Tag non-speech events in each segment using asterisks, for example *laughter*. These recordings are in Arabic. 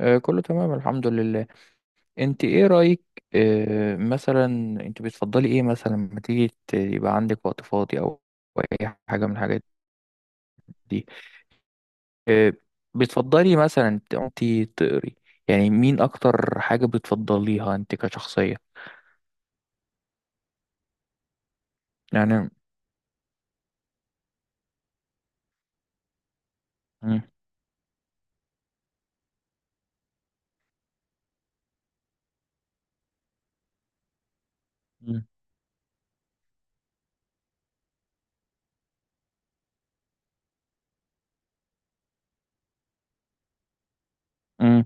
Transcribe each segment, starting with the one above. كله تمام الحمد لله. انت ايه رأيك؟ مثلا انت بتفضلي ايه مثلا لما تيجي يبقى عندك وقت فاضي او أو اي حاجة من الحاجات دي. آه، بتفضلي مثلا انت تقري، يعني مين اكتر حاجة بتفضليها انت كشخصية؟ يعني. امم امم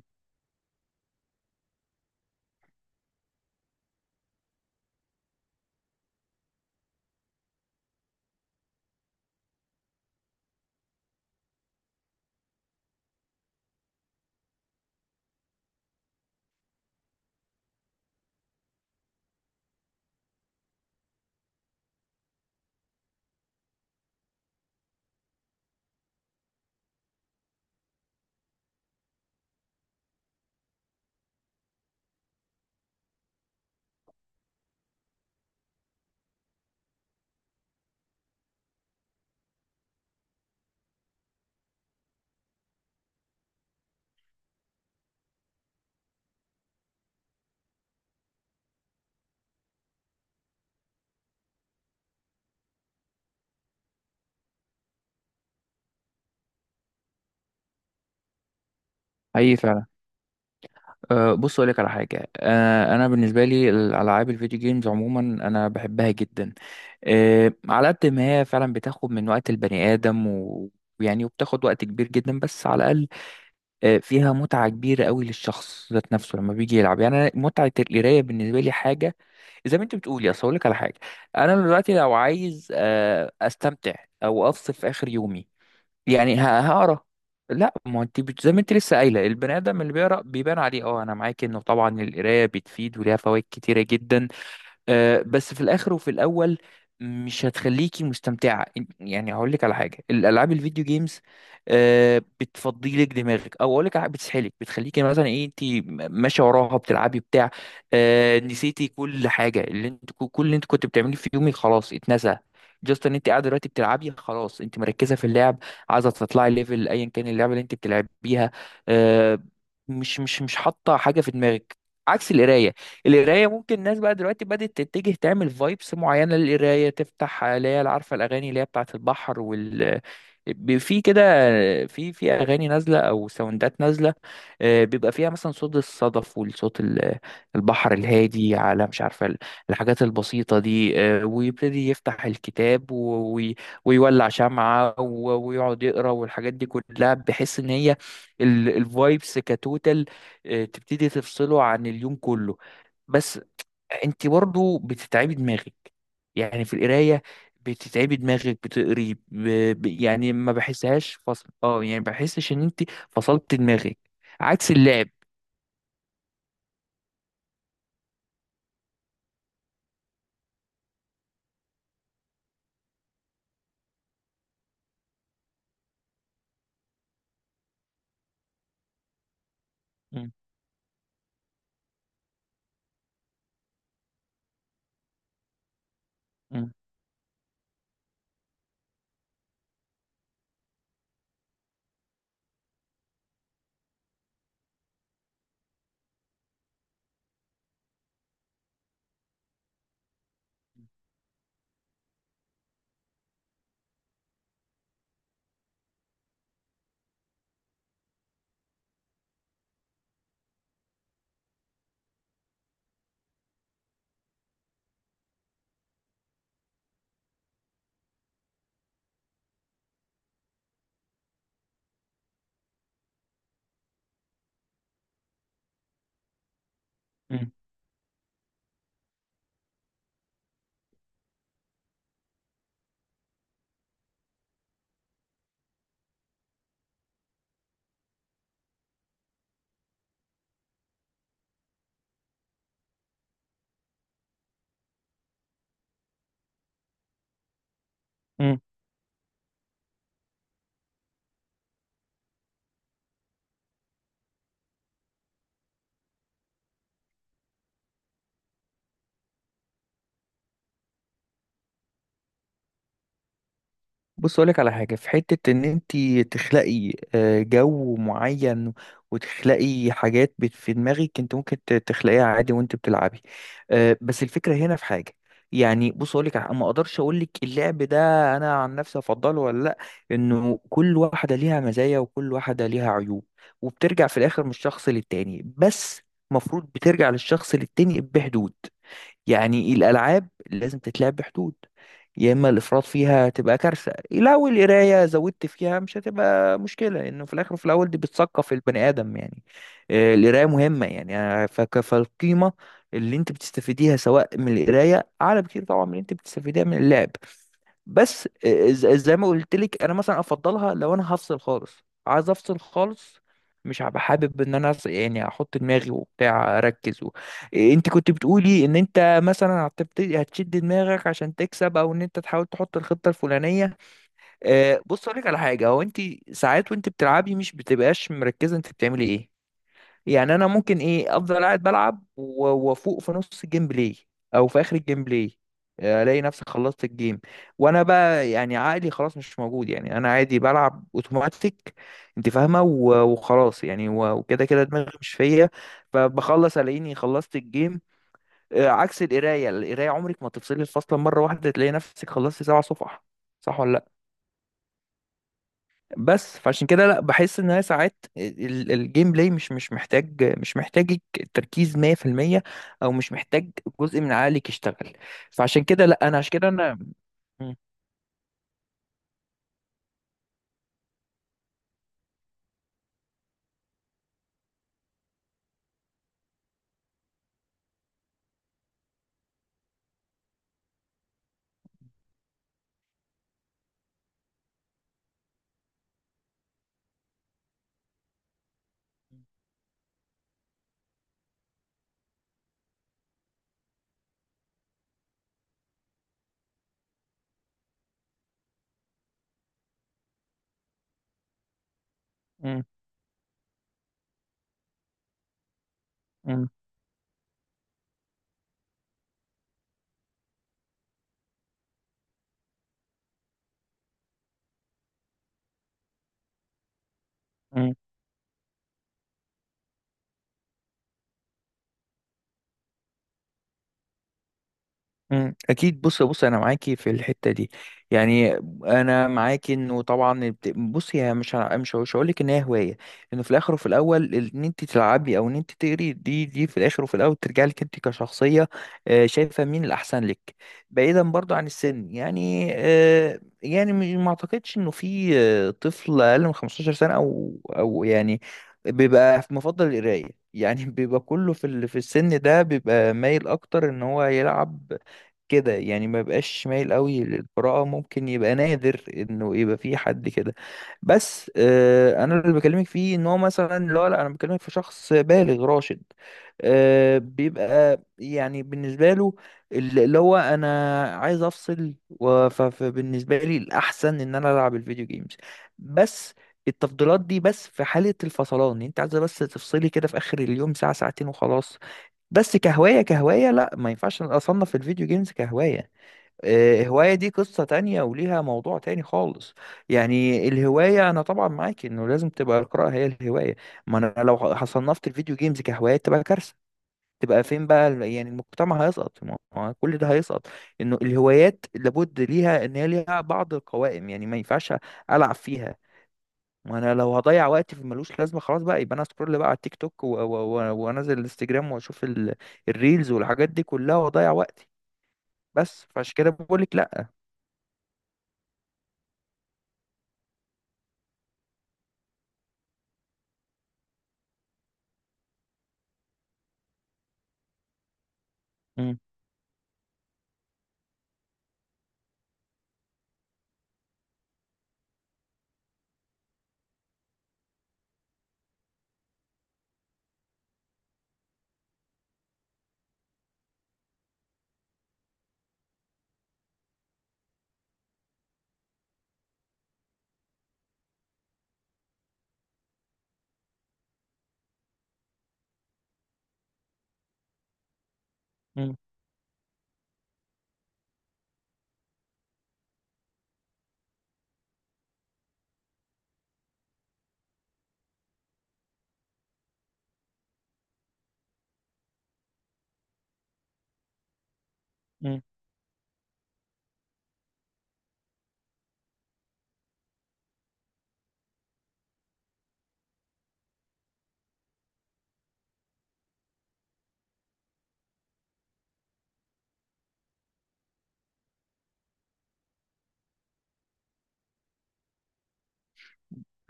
اي فعلا. أه بص اقول لك على حاجه، أه انا بالنسبه لي الالعاب الفيديو جيمز عموما انا بحبها جدا. أه على قد ما هي فعلا بتاخد من وقت البني ادم ويعني وبتاخد وقت كبير جدا، بس على الاقل أه فيها متعه كبيره قوي للشخص ذات نفسه لما بيجي يلعب. يعني أنا متعه القرايه بالنسبه لي حاجه زي ما انت بتقولي، اصل اقول لك على حاجه، انا دلوقتي لو عايز أه استمتع او افصل في اخر يومي، يعني هقرا. لا ما انت زي ما انت لسه قايله البني ادم اللي بيقرا بيبان عليه، اه انا معاك انه طبعا القرايه بتفيد وليها فوائد كتيره جدا. بس في الاخر وفي الاول مش هتخليكي مستمتعه. يعني هقول لك على حاجه، الالعاب الفيديو جيمز بتفضي لك دماغك، او اقول لك بتسحلك، بتخليكي مثلا ايه انت ماشيه وراها بتلعبي بتاع. نسيتي كل حاجه اللي انت، كل اللي انت كنت بتعمليه في يومك خلاص اتنسى. جاست ان انت قاعده دلوقتي بتلعبي، خلاص انت مركزه في اللعب، عايزه تطلعي ليفل ايا كان اللعبه اللي انت بتلعبيها. آه، مش حاطه حاجه في دماغك، عكس القرايه. القرايه ممكن الناس بقى دلوقتي بدات تتجه تعمل فايبس معينه للقرايه، تفتح اللي هي عارفه الاغاني اللي هي بتاعه البحر في كده، في اغاني نازله او ساوندات نازله، بيبقى فيها مثلا صوت الصدف والصوت البحر الهادي، على مش عارفه الحاجات البسيطه دي. ويبتدي يفتح الكتاب ويولع شمعه ويقعد يقرا، والحاجات دي كلها بحيث ان هي الفايبس كتوتال تبتدي تفصله عن اليوم كله. بس انت برضو بتتعبي دماغك، يعني في القرايه بتتعبي دماغك، يعني ما بحسهاش فصل، اه يعني ما بحسش ان انت فصلت دماغك، عكس اللعب. مم. مم. مم. بص اقولك على حاجه، في حته ان انت تخلقي جو معين وتخلقي حاجات في دماغك، انت ممكن تخلقيها عادي وانت بتلعبي. بس الفكره هنا في حاجه، يعني بص اقولك ما اقدرش اقولك اللعب ده انا عن نفسي افضله ولا لا، انه كل واحده ليها مزايا وكل واحده ليها عيوب، وبترجع في الاخر من الشخص للتاني. بس المفروض بترجع للشخص للتاني بحدود، يعني الألعاب لازم تتلعب بحدود، يا إما الإفراط فيها تبقى كارثة. لو القراية زودت فيها مش هتبقى مشكلة، لأنه في الآخر وفي الأول دي بتثقف البني آدم. يعني القراية مهمة، يعني فالقيمة اللي أنت بتستفيديها سواء من القراية أعلى بكتير طبعا من اللي أنت بتستفيديها من اللعب. بس زي ما قلت لك، انا مثلا افضلها لو انا هفصل خالص، عايز افصل خالص، مش هبقى حابب ان انا يعني احط دماغي وبتاع اركز و... انت كنت بتقولي ان انت مثلا هتبتدي هتشد دماغك عشان تكسب او ان انت تحاول تحط الخطة الفلانية. بص اقول لك على حاجة، هو انت ساعات وانت بتلعبي مش بتبقاش مركزة، انت بتعملي ايه؟ يعني انا ممكن ايه افضل قاعد بلعب و- وافوق في نص الجيم بلاي او في اخر الجيم بلاي، الاقي نفسي خلصت الجيم وانا بقى يعني عقلي خلاص مش موجود، يعني انا عادي بلعب اوتوماتيك، انت فاهمه وخلاص، يعني وكده كده دماغي مش فيا، فبخلص الاقيني خلصت الجيم. عكس القرايه، القرايه عمرك ما تفصلي الفصل مره واحده تلاقي نفسك خلصتي سبع صفح، صح ولا؟ بس فعشان كده لا، بحس ان هي ساعات الجيم بلاي مش مش محتاج، مش محتاجك تركيز 100%، او مش محتاج جزء من عقلك يشتغل، فعشان كده لا انا عشان كده انا. م- م- م- مم، اكيد. بص انا معاكي في الحته دي، يعني انا معاكي انه طبعا بصي، هي مش هقول لك ان هي هوايه، انه في الاخر وفي الاول ان انت تلعبي او ان انت تقري دي في الاخر وفي الاول ترجع لك انت كشخصيه. شايفه مين الاحسن لك؟ بعيدا برضو عن السن، يعني يعني ما اعتقدش انه في طفل اقل من 15 سنه او او يعني بيبقى مفضل القرايه، يعني *laughs* بيبقى كله في في السن ده بيبقى مايل اكتر ان هو يلعب كده، يعني ما يبقاش مايل قوي للقراءة، ممكن يبقى نادر انه يبقى في حد كده. بس آه انا اللي بكلمك فيه ان هو مثلا لا لا، انا بكلمك في شخص بالغ راشد، آه بيبقى يعني بالنسبة له اللي هو انا عايز افصل، فبالنسبة لي الاحسن ان انا العب الفيديو جيمز. بس التفضيلات دي بس في حالة الفصلان، يعني انت عايزة بس تفصلي كده في اخر اليوم ساعة ساعتين وخلاص. بس كهواية، كهواية لا ما ينفعش أصنف الفيديو جيمز كهواية. هواية دي قصة تانية وليها موضوع تاني خالص. يعني الهواية أنا طبعا معاك إنه لازم تبقى القراءة هي الهواية، ما أنا لو صنفت الفيديو جيمز كهواية تبقى كارثة، تبقى فين بقى يعني المجتمع هيسقط، ما هو كل ده هيسقط. إنه الهوايات لابد ليها إن هي ليها بعض القوائم، يعني ما ينفعش ألعب فيها، ما انا لو هضيع وقتي في ملوش لازمه خلاص بقى، يبقى انا اسكرول بقى على التيك توك وانزل الانستجرام واشوف الريلز والحاجات دي كلها واضيع وقتي. بس فعشان كده بقول لك لا. مم، مم، مم،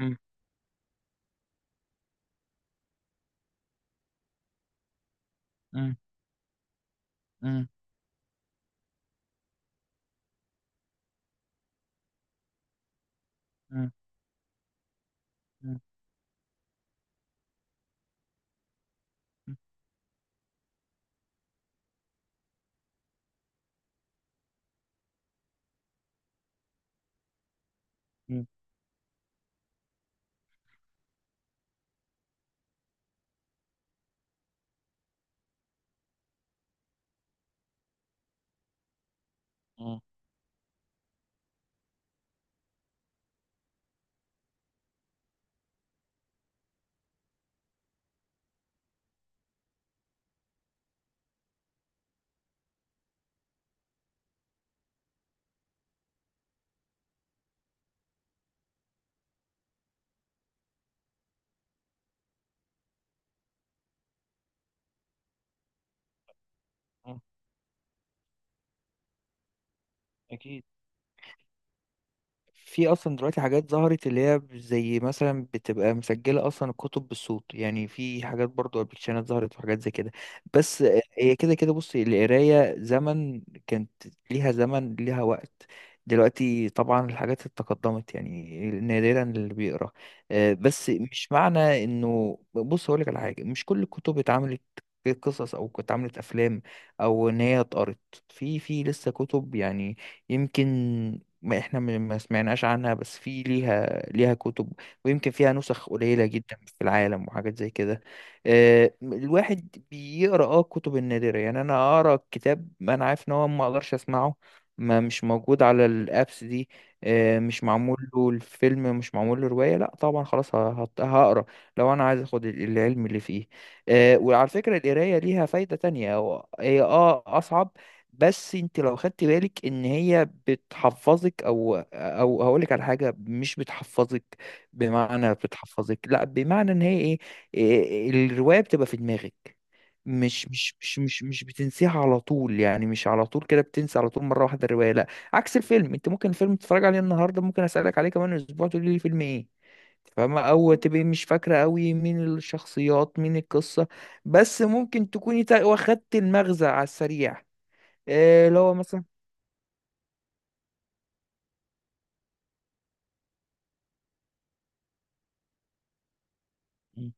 مم، مم، مم، مم، مم، مم، مم، أكيد. في اصلا دلوقتي حاجات ظهرت، اللي هي زي مثلا بتبقى مسجله اصلا الكتب بالصوت، يعني في حاجات برضو ابلكيشنات ظهرت وحاجات زي كده. بس هي كده كده، بص القرايه زمن كانت ليها زمن، ليها وقت. دلوقتي طبعا الحاجات اتقدمت، يعني نادرا اللي بيقرا. بس مش معنى انه، بص هقول لك على حاجه، مش كل الكتب اتعملت قصص او اتعملت افلام او ان هي اتقرت، في لسه كتب يعني، يمكن ما احنا ما سمعناش عنها، بس في ليها، ليها كتب، ويمكن فيها نسخ قليلة جدا في العالم وحاجات زي كده. الواحد بيقرأ اه الكتب النادرة، يعني انا اقرأ كتاب ما انا عارف ان هو ما اقدرش اسمعه، ما مش موجود على الابس دي، مش معمول له الفيلم، مش معمول له رواية، لا طبعا خلاص هقرأ لو انا عايز اخد العلم اللي فيه. وعلى فكرة القراية ليها فايدة تانية، هي اه اصعب، بس انت لو خدت بالك ان هي بتحفظك، او او هقولك على حاجه مش بتحفظك بمعنى بتحفظك، لا بمعنى ان هي ايه، الروايه بتبقى في دماغك، مش مش مش مش مش بتنسيها على طول، يعني مش على طول كده بتنسى على طول مره واحده الروايه لا. عكس الفيلم، انت ممكن الفيلم تتفرج عليه النهارده ممكن اسالك عليه كمان اسبوع تقولي لي فيلم ايه، فاهمة، او تبقي مش فاكره قوي مين الشخصيات مين القصه، بس ممكن تكوني واخدت المغزى على السريع. اللي هو مثلا. مم.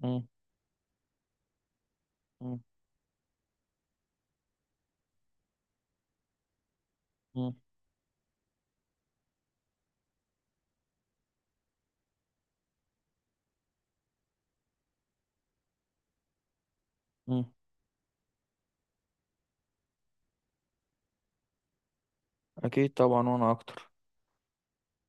مم. مم. مم. مم. اكيد طبعا وانا اكتر.